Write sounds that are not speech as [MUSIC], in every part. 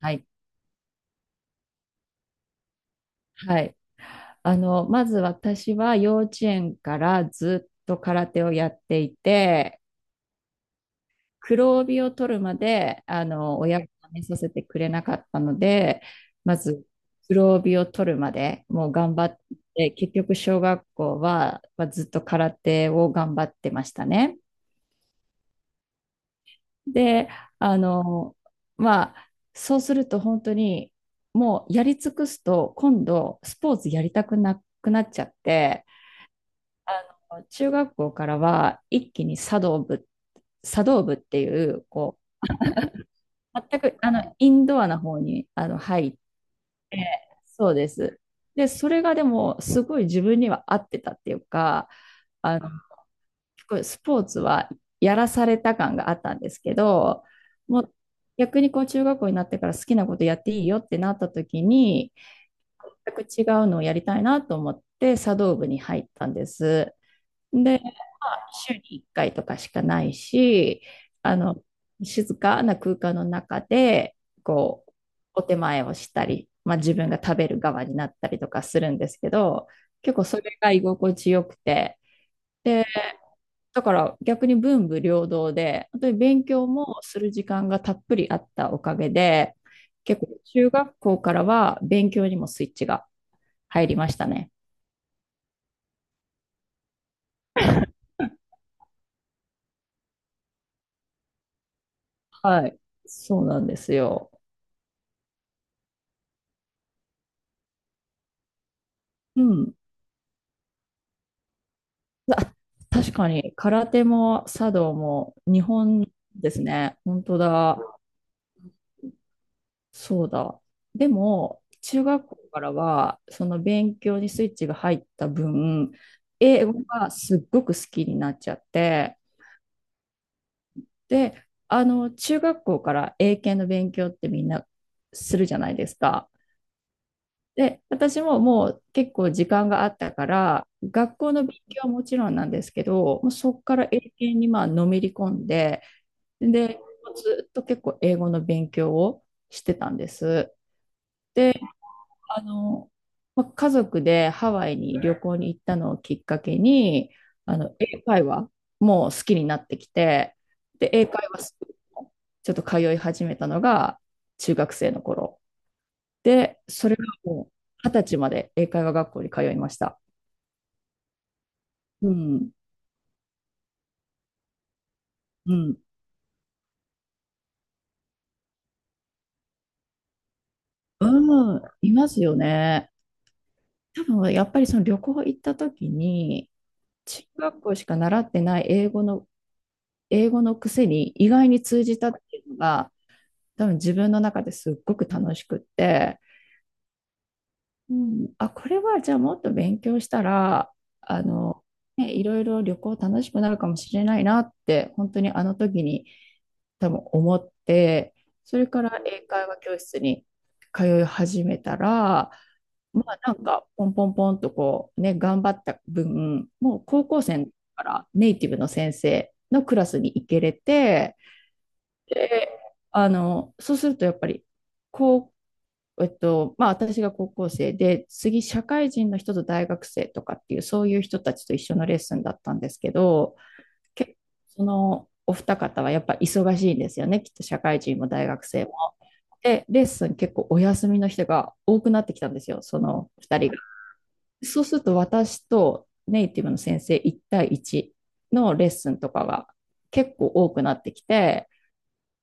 はい。はい。まず私は幼稚園からずっと空手をやっていて、黒帯を取るまで、親が辞めさせてくれなかったので、まず黒帯を取るまでもう頑張って、結局小学校は、まあずっと空手を頑張ってましたね。で、あの、まあ、そうすると本当にもうやり尽くすと今度スポーツやりたくなくなっちゃって、中学校からは一気に茶道部、茶道部っていう、こう、全くあのインドアな方に入って、そうです。で、それがでもすごい自分には合ってたっていうか、あの、すごいスポーツはやらされた感があったんですけど、もう逆にこう中学校になってから好きなことやっていいよってなった時に、全く違うのをやりたいなと思って茶道部に入ったんです。で、週に1回とかしかないし、あの、静かな空間の中で、こう、お手前をしたり、まあ、自分が食べる側になったりとかするんですけど、結構それが居心地よくて、で、だから逆に文武両道で、本当に勉強もする時間がたっぷりあったおかげで、結構中学校からは勉強にもスイッチが入りましたね。はい。そうなんですよ。うん。あ、確かに、空手も茶道も日本ですね。本当だ。そうだ。でも、中学校からは、その勉強にスイッチが入った分、英語がすっごく好きになっちゃって、で、中学校から英検の勉強ってみんなするじゃないですか。で、私ももう結構時間があったから、学校の勉強はもちろんなんですけど、もうそこから英検にまあのめり込んで、で、ずっと結構英語の勉強をしてたんです。あの、まあ、家族でハワイに旅行に行ったのをきっかけに、英会話もう好きになってきて、で、英会話スクールもちょっと通い始めたのが中学生の頃。で、それがもう二十歳まで英会話学校に通いました。うん、うん、うん、いますよね。多分やっぱりその旅行行った時に、中学校しか習ってない英語の、英語のくせに意外に通じたっていうのが、多分自分の中ですっごく楽しくって、うん、あ、これはじゃあもっと勉強したら、あの、ね、いろいろ旅行楽しくなるかもしれないなって、本当にあの時に多分思って、それから英会話教室に通い始めたら、まあなんかポンポンポンとこうね、頑張った分、もう高校生からネイティブの先生のクラスに行けれて、で、そうするとやっぱり、こう、まあ私が高校生で、次社会人の人と大学生とかっていう、そういう人たちと一緒のレッスンだったんですけど、結構そのお二方はやっぱ忙しいんですよね、きっと社会人も大学生も。で、レッスン結構お休みの人が多くなってきたんですよ、その二人。そうすると私とネイティブの先生1対1のレッスンとかが結構多くなってきて、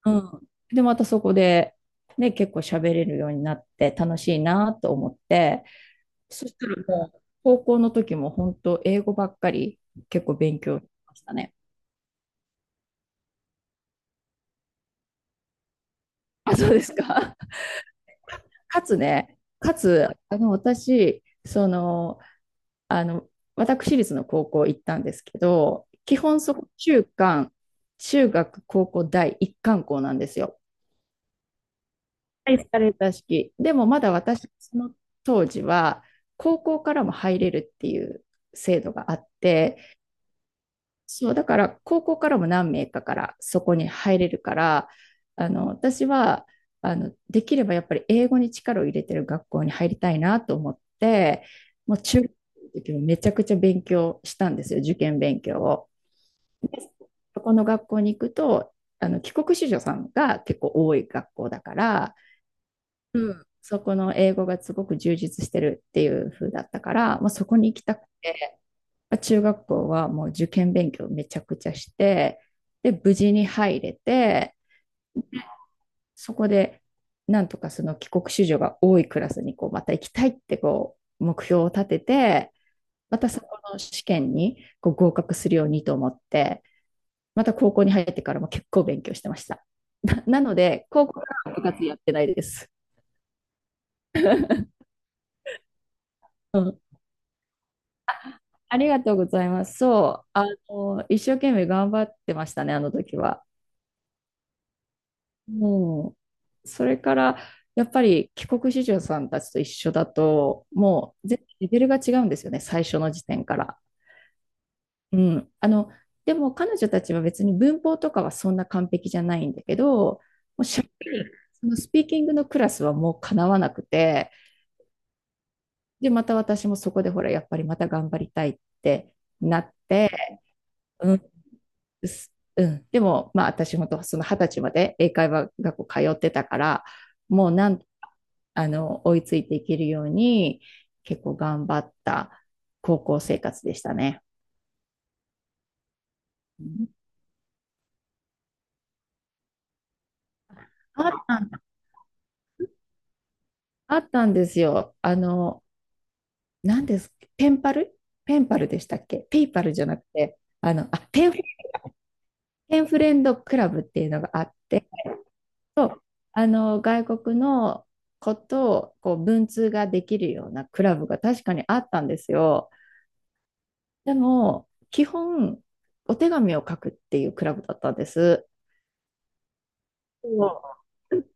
うん。で、またそこで、ね、結構喋れるようになって楽しいなと思って、そしたらもう高校の時も本当英語ばっかり結構勉強しましたね。あ、そうですか。[LAUGHS] かつ、私、あの、私立の高校行ったんですけど、基本そこ中学、高校、大一貫校なんですよ。はい、エスカレーター式。でもまだ私、その当時は、高校からも入れるっていう制度があって、そう、だから高校からも何名かからそこに入れるから、私は、できればやっぱり英語に力を入れてる学校に入りたいなと思って、もう中学の時もめちゃくちゃ勉強したんですよ、受験勉強を。で、そこの学校に行くと、帰国子女さんが結構多い学校だから、うん。そこの英語がすごく充実してるっていう風だったから、まあそこに行きたくて、中学校はもう受験勉強めちゃくちゃして、で、無事に入れて、そこで、なんとかその帰国子女が多いクラスにこうまた行きたいってこう目標を立てて、またそこの試験にこう合格するようにと思って、また高校に入ってからも結構勉強してました。[LAUGHS] なので、高校からは部活やってないです。うん。ありがとうございます。そう、一生懸命頑張ってましたね、あの時は。もう、それから、やっぱり帰国子女さんたちと一緒だと、もう、全然レベルが違うんですよね、最初の時点から。うん。でも彼女たちは別に文法とかはそんな完璧じゃないんだけど、もうしゃそのスピーキングのクラスはもうかなわなくて、で、また私もそこでほら、やっぱりまた頑張りたいってなって、うん。でも、まあ、私本当その二十歳まで英会話学校通ってたから、もうなん、あの、追いついていけるように、結構頑張った高校生活でしたね。うん。あったん、あったんですよ。何ですペンパル、ペンパルでしたっけ、ペイパルじゃなくて、あ、ペンフレンドクラブっていうのがあって、外国のことをこう文通ができるようなクラブが確かにあったんですよ。でも、基本、お手紙を書くっていうクラブだったんです。そ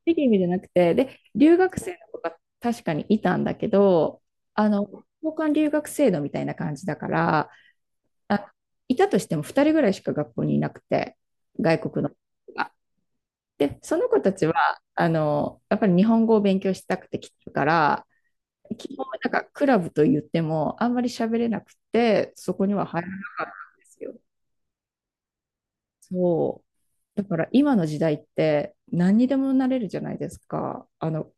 う、いい意味じゃなくて、で、留学生の子が確かにいたんだけど、あの、交換留学制度みたいな感じだから、あ、いたとしても2人ぐらいしか学校にいなくて、外国の子が。で、その子たちは、やっぱり日本語を勉強したくて来てるから、基本なんかクラブと言ってもあんまり喋れなくて、そこには入らなかったんですよ。そう。だから今の時代って何にでもなれるじゃないですか。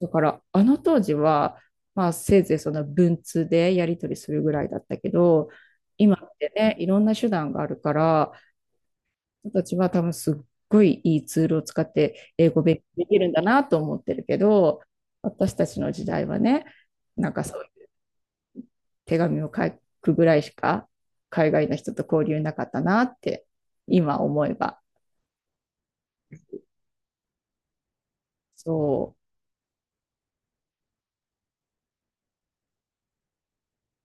だからあの当時は、まあせいぜいその文通でやり取りするぐらいだったけど、今ってね、いろんな手段があるから、人たちは多分すっごいいいツールを使って英語勉強できるんだなと思ってるけど、私たちの時代はね、なんかそういう手紙を書くぐらいしか海外の人と交流なかったなって今思えば。そう。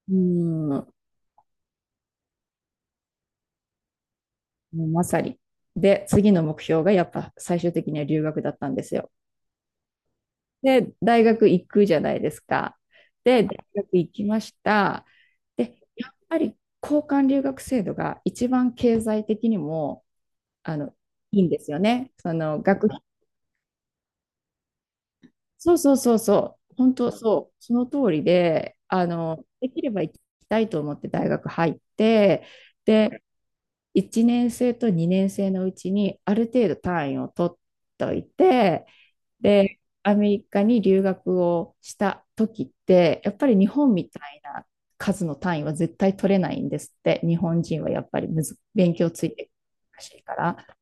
うん、もうまさに。で、次の目標がやっぱ最終的には留学だったんですよ。で、大学行くじゃないですか。で、大学行きました。で、やっぱり交換留学制度が一番経済的にもあのいいんですよね。その学費。そうそうそうそう、本当そう、その通りで、できれば行きたいと思って大学入って、で、1年生と2年生のうちにある程度単位を取っといて、で、アメリカに留学をした時って、やっぱり日本みたいな数の単位は絶対取れないんですって、日本人はやっぱりむず勉強ついてるらしいから。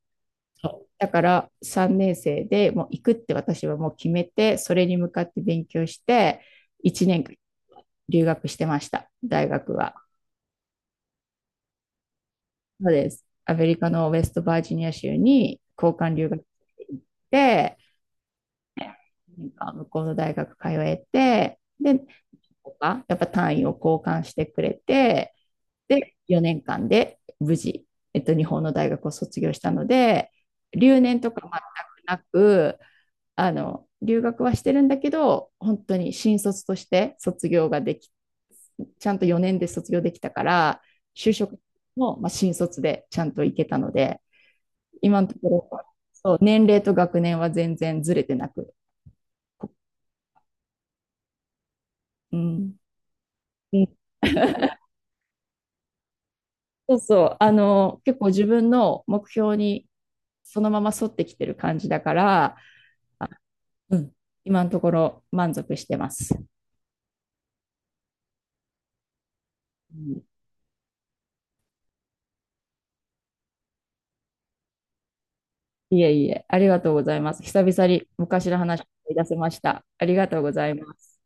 だから3年生でもう行くって私はもう決めて、それに向かって勉強して、1年間留学してました、大学は。そうです。アメリカのウェストバージニア州に交換留学行って、向こうの大学通えて、で、やっぱ単位を交換してくれて、で、4年間で無事、日本の大学を卒業したので、留年とか全くなく、留学はしてるんだけど、本当に新卒として卒業ができ、ちゃんと4年で卒業できたから、就職も、まあ、新卒でちゃんと行けたので、今のところ、そう、年齢と学年は全然ずれてなく、こうん。うん。 [LAUGHS] そうそう、結構自分の目標にそのまま沿ってきてる感じだから、あ、うん、今のところ満足してます。うん。いえいえ、ありがとうございます。久々に昔の話を思い出せました。ありがとうございます。